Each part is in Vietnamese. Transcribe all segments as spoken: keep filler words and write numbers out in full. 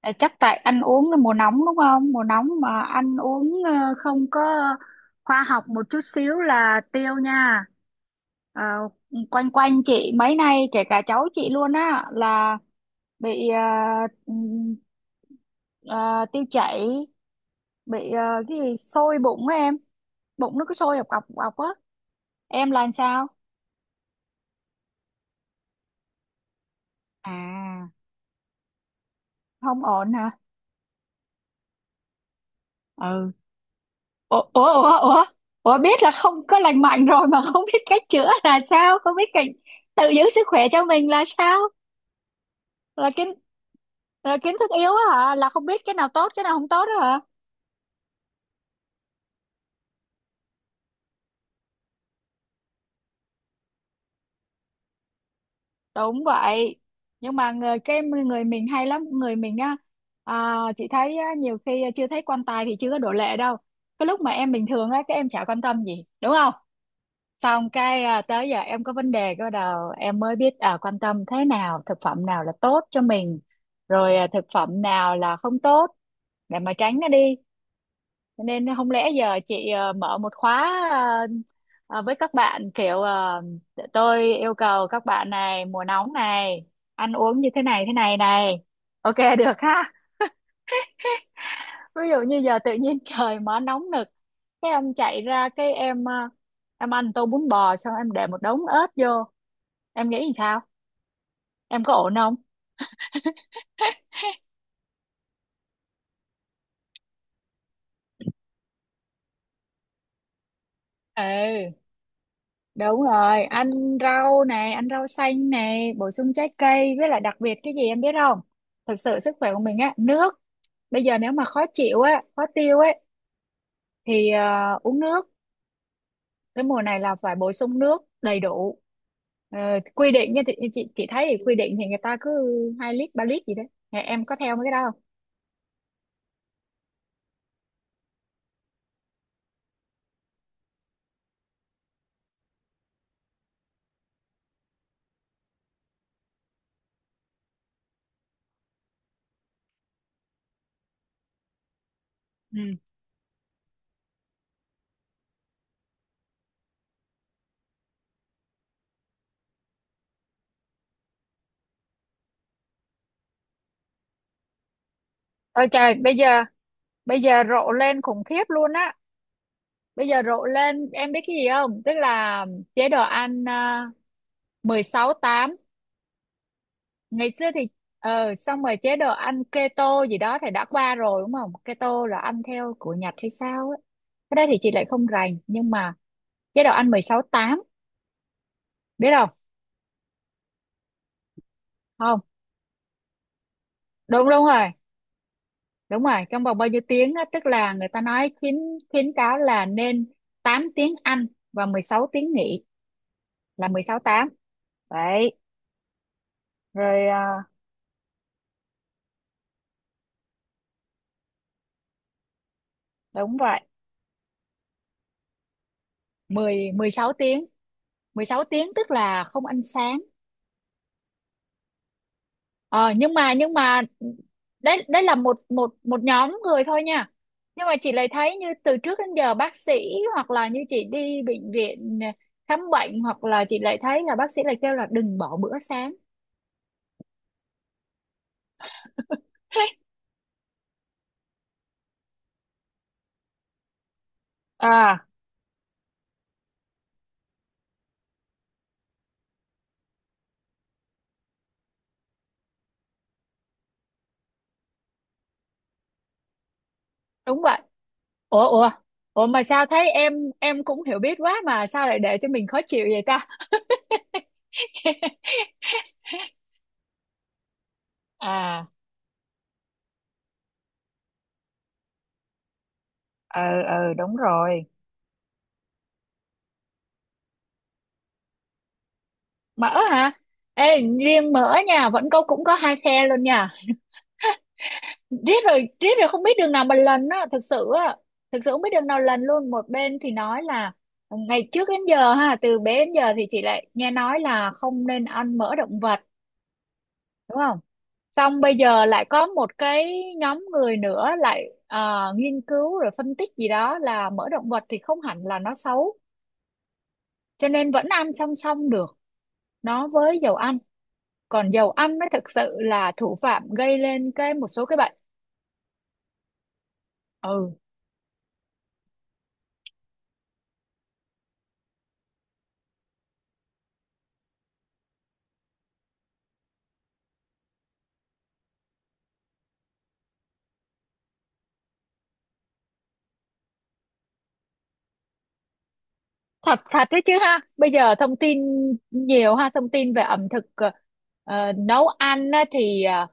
À, Chắc tại ăn uống là mùa nóng đúng không? Mùa nóng mà ăn uống ờ, không có khoa học một chút xíu là tiêu nha. Ờ, quanh quanh chị mấy nay, kể cả cháu chị luôn á, là bị ờ, ừm, ờ, tiêu chảy, bị ờ, cái gì sôi bụng á em, bụng nó cứ sôi ọc ọc ọc á. Em là làm sao? À, không ổn hả? Ừ. Ủa ủa ủa ủa ủa, biết là không có lành mạnh rồi mà không biết cách chữa là sao, không biết cách tự giữ sức khỏe cho mình là sao? Là kiến là kiến thức yếu á hả, là không biết cái nào tốt cái nào không tốt đó hả? Đúng vậy, nhưng mà người, cái người mình hay lắm, người mình á. À, chị thấy á, nhiều khi chưa thấy quan tài thì chưa có đổ lệ đâu. Cái lúc mà em bình thường á, các em chả quan tâm gì đúng không, xong cái à, tới giờ em có vấn đề bắt đầu em mới biết, à, quan tâm thế nào, thực phẩm nào là tốt cho mình rồi à, thực phẩm nào là không tốt để mà tránh nó đi. Cho nên không lẽ giờ chị ờ, mở một khóa ờ, ờ, với các bạn kiểu ờ, tôi yêu cầu các bạn này mùa nóng này ăn uống như thế này thế này này, ok được ha? Ví dụ như giờ tự nhiên trời mở nóng nực, cái em chạy ra cái em à, em ăn tô bún bò xong em để một đống ớt vô, em nghĩ làm sao, em có ổn không? Ừ, đúng rồi, ăn rau này, ăn rau xanh này, bổ sung trái cây, với lại đặc biệt cái gì em biết không? Thực sự sức khỏe của mình á, nước. Bây giờ nếu mà khó chịu á, khó tiêu ấy, thì ờ, uống nước. Cái mùa này là phải bổ sung nước đầy đủ. Ờ, quy định nha, thì chị chị thấy thì quy định thì người ta cứ hai lít ba lít gì đấy. Nhà em có theo mấy cái đó không? Ừ. Ôi trời, bây giờ bây giờ rộ lên khủng khiếp luôn á. Bây giờ rộ lên em biết cái gì không, tức là chế độ ăn uh, mười sáu tám. Ngày xưa thì ờ xong rồi chế độ ăn keto gì đó thì đã qua rồi đúng không, keto là ăn theo của Nhật hay sao á? Cái đó thì chị lại không rành, nhưng mà chế độ ăn mười sáu tám, biết không? Không, đúng đúng rồi. Đúng rồi, trong vòng bao nhiêu tiếng á, tức là người ta nói khuyến khuyến cáo là nên tám tiếng ăn và mười sáu tiếng nghỉ, là mười sáu tám đấy. Rồi à, đúng vậy, mười mười sáu tiếng, mười sáu tiếng tức là không ăn sáng. ờ nhưng mà nhưng mà đấy đấy là một một một nhóm người thôi nha, nhưng mà chị lại thấy như từ trước đến giờ bác sĩ hoặc là như chị đi bệnh viện ờ, khám bệnh, hoặc là chị lại thấy là bác sĩ lại kêu là đừng bỏ bữa sáng. À, đúng vậy. Ủa ủa ủa, mà sao thấy em em cũng hiểu biết quá mà sao lại để cho mình khó chịu vậy ta? À, ờ ờ, đúng rồi. Mỡ hả? Ê, riêng mỡ nha, vẫn có, cũng có hai phe luôn nha. Riết rồi riết rồi không biết đường nào mà lần á, thực sự á, thực sự không biết đường nào lần luôn. Một bên thì nói là ngày trước đến giờ ha, từ bé đến giờ thì chị lại nghe nói là không nên ăn mỡ động vật, đúng không? Xong bây giờ lại có một cái nhóm người nữa lại ờ, nghiên cứu rồi phân tích gì đó là mỡ động vật thì không hẳn là nó xấu, cho nên vẫn ăn song song được nó với dầu ăn. Còn dầu ăn mới thực sự là thủ phạm gây lên cái một số cái bệnh. Ừ, thật thật đấy chứ ha. Bây giờ thông tin nhiều ha, thông tin về ẩm thực ờ, ờ, nấu ăn á, thì ờ,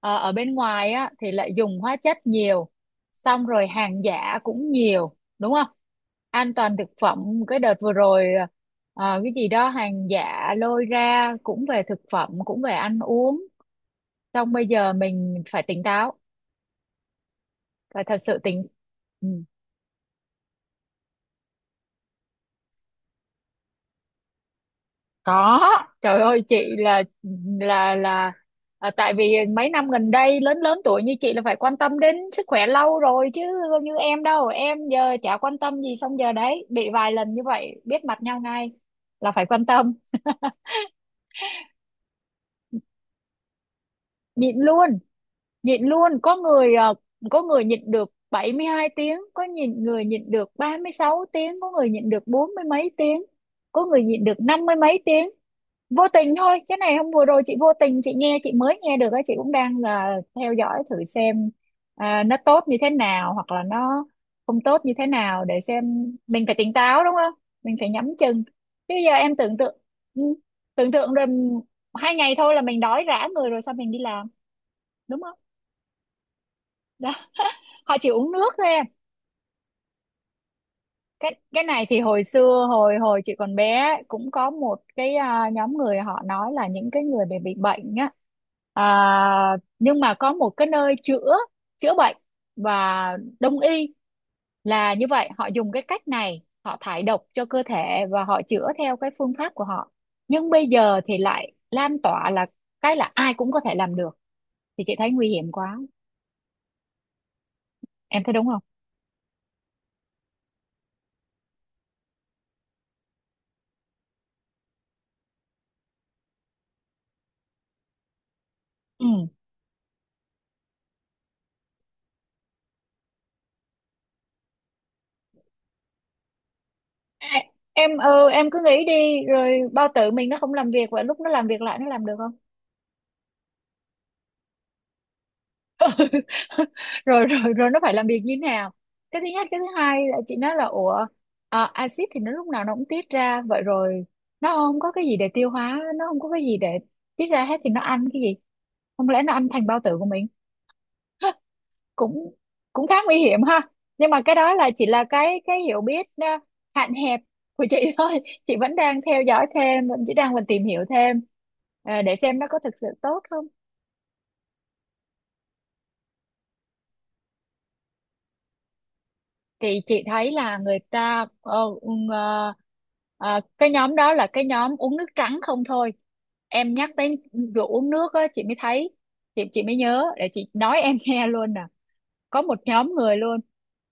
ờ, ở bên ngoài á, thì lại dùng hóa chất nhiều, xong rồi hàng giả cũng nhiều đúng không. An toàn thực phẩm cái đợt vừa rồi ờ, cái gì đó hàng giả lôi ra cũng về thực phẩm, cũng về ăn uống. Xong bây giờ mình phải tỉnh táo, phải thật sự tỉnh. Ừ. Có. Trời ơi, chị là là là à, tại vì mấy năm gần đây lớn lớn tuổi như chị là phải quan tâm đến sức khỏe lâu rồi chứ, không như em đâu, em giờ chả quan tâm gì, xong giờ đấy bị vài lần như vậy biết mặt nhau ngay, là phải quan tâm. Nhịn luôn, nhịn luôn. Có người ờ, có người nhịn được bảy mươi hai tiếng, có nhịn người nhịn được ba mươi sáu tiếng, có người nhịn được bốn mươi mấy tiếng, có người nhịn được năm mươi mấy tiếng. Vô tình thôi, cái này hôm vừa rồi chị vô tình chị nghe chị mới nghe được á, chị cũng đang là theo dõi thử xem à, nó tốt như thế nào hoặc là nó không tốt như thế nào, để xem mình phải tỉnh táo đúng không, mình phải nhắm chừng. Chứ giờ em tưởng tượng, ừ, tưởng tượng rồi, hai ngày thôi là mình đói rã người rồi sao mình đi làm, đúng không? Họ chỉ uống nước thôi em. Cái cái này thì hồi xưa, hồi hồi chị còn bé ấy, cũng có một cái à, nhóm người họ nói là những cái người bị bị bệnh á, à, nhưng mà có một cái nơi chữa, chữa bệnh, và đông y là như vậy, họ dùng cái cách này, họ thải độc cho cơ thể và họ chữa theo cái phương pháp của họ. Nhưng bây giờ thì lại lan tỏa là cái là ai cũng có thể làm được, thì chị thấy nguy hiểm quá. Em thấy đúng không? Ừ. À, em, ừ, em cứ nghĩ đi rồi bao tử mình nó không làm việc, và lúc nó làm việc lại nó làm được không. Rồi rồi rồi, nó phải làm việc như thế nào. Cái thứ nhất, cái thứ hai là chị nói là ủa, à, axit thì nó lúc nào nó cũng tiết ra vậy rồi, nó không có cái gì để tiêu hóa, nó không có cái gì để tiết ra hết, thì nó ăn cái gì? Không lẽ nó ăn thành bao tử của mình? cũng Cũng khá nguy hiểm ha. Nhưng mà cái đó là chỉ là cái cái hiểu biết ờ, hạn hẹp của chị thôi. Chị vẫn đang theo dõi thêm, vẫn chỉ đang còn tìm hiểu thêm ờ, để xem nó có thực sự tốt không. Thì chị thấy là người ta ờ, ừm, ờ, ờ, cái nhóm đó là cái nhóm uống nước trắng không thôi. Em nhắc tới vụ uống nước á chị mới thấy, chị chị mới nhớ để chị nói em nghe luôn nè. Có một nhóm người luôn,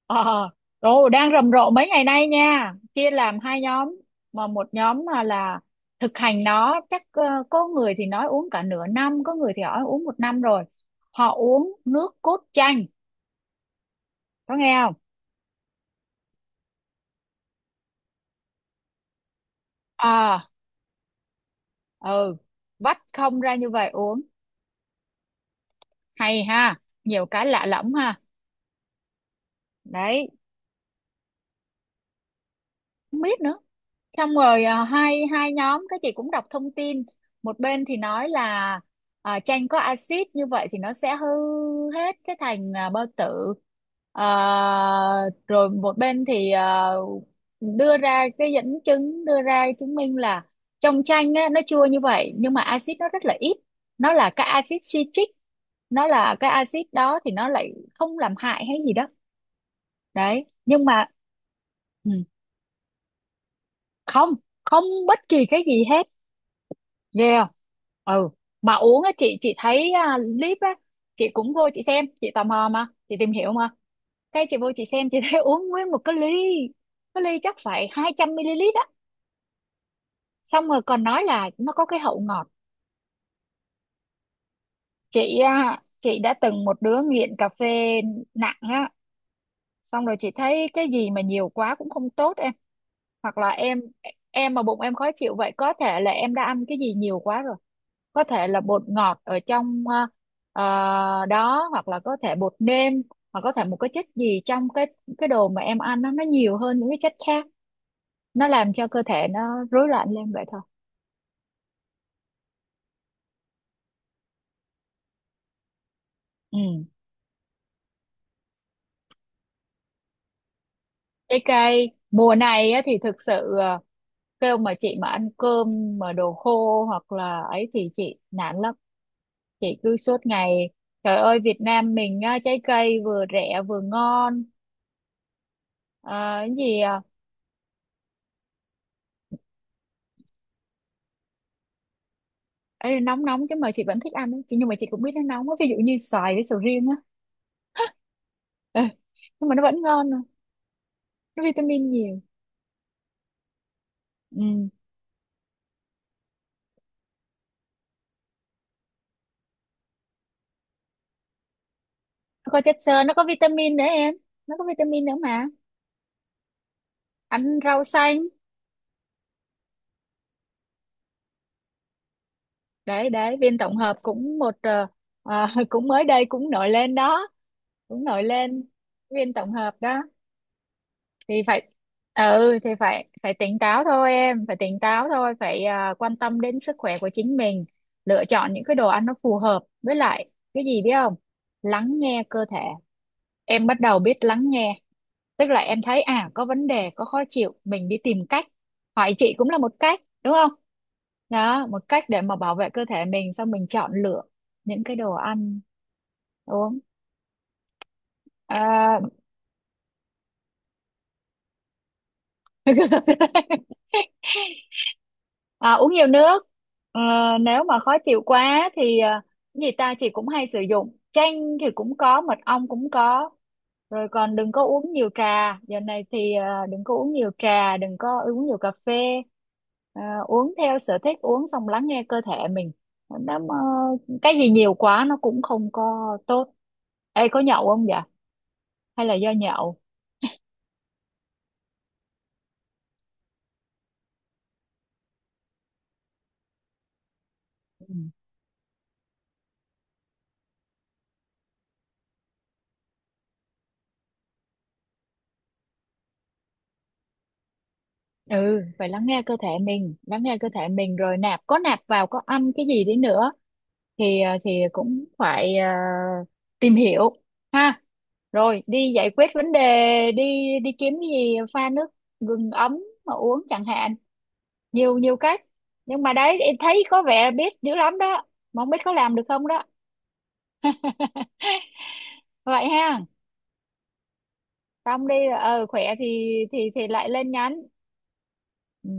ờ rồi đang rầm rộ mấy ngày nay nha, chia làm hai nhóm, mà một nhóm mà là thực hành nó chắc ờ, có người thì nói uống cả nửa năm, có người thì nói uống một năm rồi. Họ uống nước cốt chanh, có nghe không? Ờ. Ừ. Vắt không ra như vậy uống. Hay ha, nhiều cái lạ lẫm ha. Đấy, không biết nữa. Xong rồi à, hai hai nhóm, cái chị cũng đọc thông tin. Một bên thì nói là à, chanh có axit như vậy thì nó sẽ hư hết cái thành à, bao tử. Ờ, rồi một bên thì ờ, đưa ra cái dẫn chứng, đưa ra chứng minh là trong chanh á, nó chua như vậy nhưng mà axit nó rất là ít, nó là cái axit citric, nó là cái axit đó thì nó lại không làm hại hay gì đó. Đấy, nhưng mà ừ, không không, bất kỳ cái gì hết. Ghê không? Ừ. Mà uống á, chị chị thấy à, clip á, chị cũng vô chị xem, chị tò mò mà, chị tìm hiểu mà. Cái chị vô chị xem chị thấy uống nguyên một cái ly, cái ly chắc phải hai trăm mi li lít á, xong rồi còn nói là nó có cái hậu ngọt. Chị à, chị đã từng một đứa nghiện cà phê nặng á, xong rồi chị thấy cái gì mà nhiều quá cũng không tốt em. Hoặc là em em mà bụng em khó chịu vậy, có thể là em đã ăn cái gì nhiều quá rồi. Có thể là bột ngọt ở trong ờ, ờ, đó, hoặc là có thể bột nêm, hoặc có thể một cái chất gì trong cái cái đồ mà em ăn, nó nó nhiều hơn những cái chất khác, nó làm cho cơ thể nó rối loạn lên vậy thôi. Ừ. Trái cây mùa này á, thì thực sự ờ, kêu mà chị mà ăn cơm mà đồ khô hoặc là ấy thì chị nản lắm, chị cứ suốt ngày, trời ơi, Việt Nam mình á, trái cây vừa rẻ vừa ngon. Ờ, cái gì à, ê, nóng nóng chứ, mà chị vẫn thích ăn á. Chị nhưng mà chị cũng biết nó nóng á, ví dụ như xoài với sầu riêng á. Ê, nhưng mà nó vẫn ngon à, nó vitamin nhiều. Ừ. Nó có chất xơ, nó có vitamin nữa em, nó có vitamin nữa mà, ăn rau xanh. Đấy đấy, viên tổng hợp cũng một ờ, à, cũng mới đây cũng nổi lên đó, cũng nổi lên viên tổng hợp đó thì phải. Ừ, thì phải phải tỉnh táo thôi em, phải tỉnh táo thôi, phải à, quan tâm đến sức khỏe của chính mình, lựa chọn những cái đồ ăn nó phù hợp, với lại cái gì biết không, lắng nghe cơ thể. Em bắt đầu biết lắng nghe, tức là em thấy à có vấn đề, có khó chịu, mình đi tìm cách, hỏi chị cũng là một cách đúng không, đó một cách để mà bảo vệ cơ thể mình, xong mình chọn lựa những cái đồ ăn, đúng không? À, À, uống nhiều nước. Ờ, nếu mà khó chịu quá thì à, cái gì ta, chị cũng hay sử dụng chanh thì cũng có, mật ong cũng có. Rồi còn đừng có uống nhiều trà giờ này, thì à, đừng có uống nhiều trà, đừng có uống nhiều cà phê. À, uống theo sở thích, uống xong lắng nghe cơ thể mình, nó mà, cái gì nhiều quá nó cũng không có tốt. Ê, có nhậu không vậy, hay là do nhậu? Ừ, phải lắng nghe cơ thể mình, lắng nghe cơ thể mình rồi nạp, có nạp vào, có ăn cái gì đi nữa thì ờ, thì cũng phải ờ, tìm hiểu ha. Rồi đi giải quyết vấn đề đi, đi kiếm cái gì pha nước gừng ấm mà uống chẳng hạn, nhiều nhiều cách. Nhưng mà đấy, em thấy có vẻ biết dữ lắm đó, mà không biết có làm được không đó. Vậy ha. Xong đi, ờ khỏe thì thì thì lại lên nhắn. Ừ.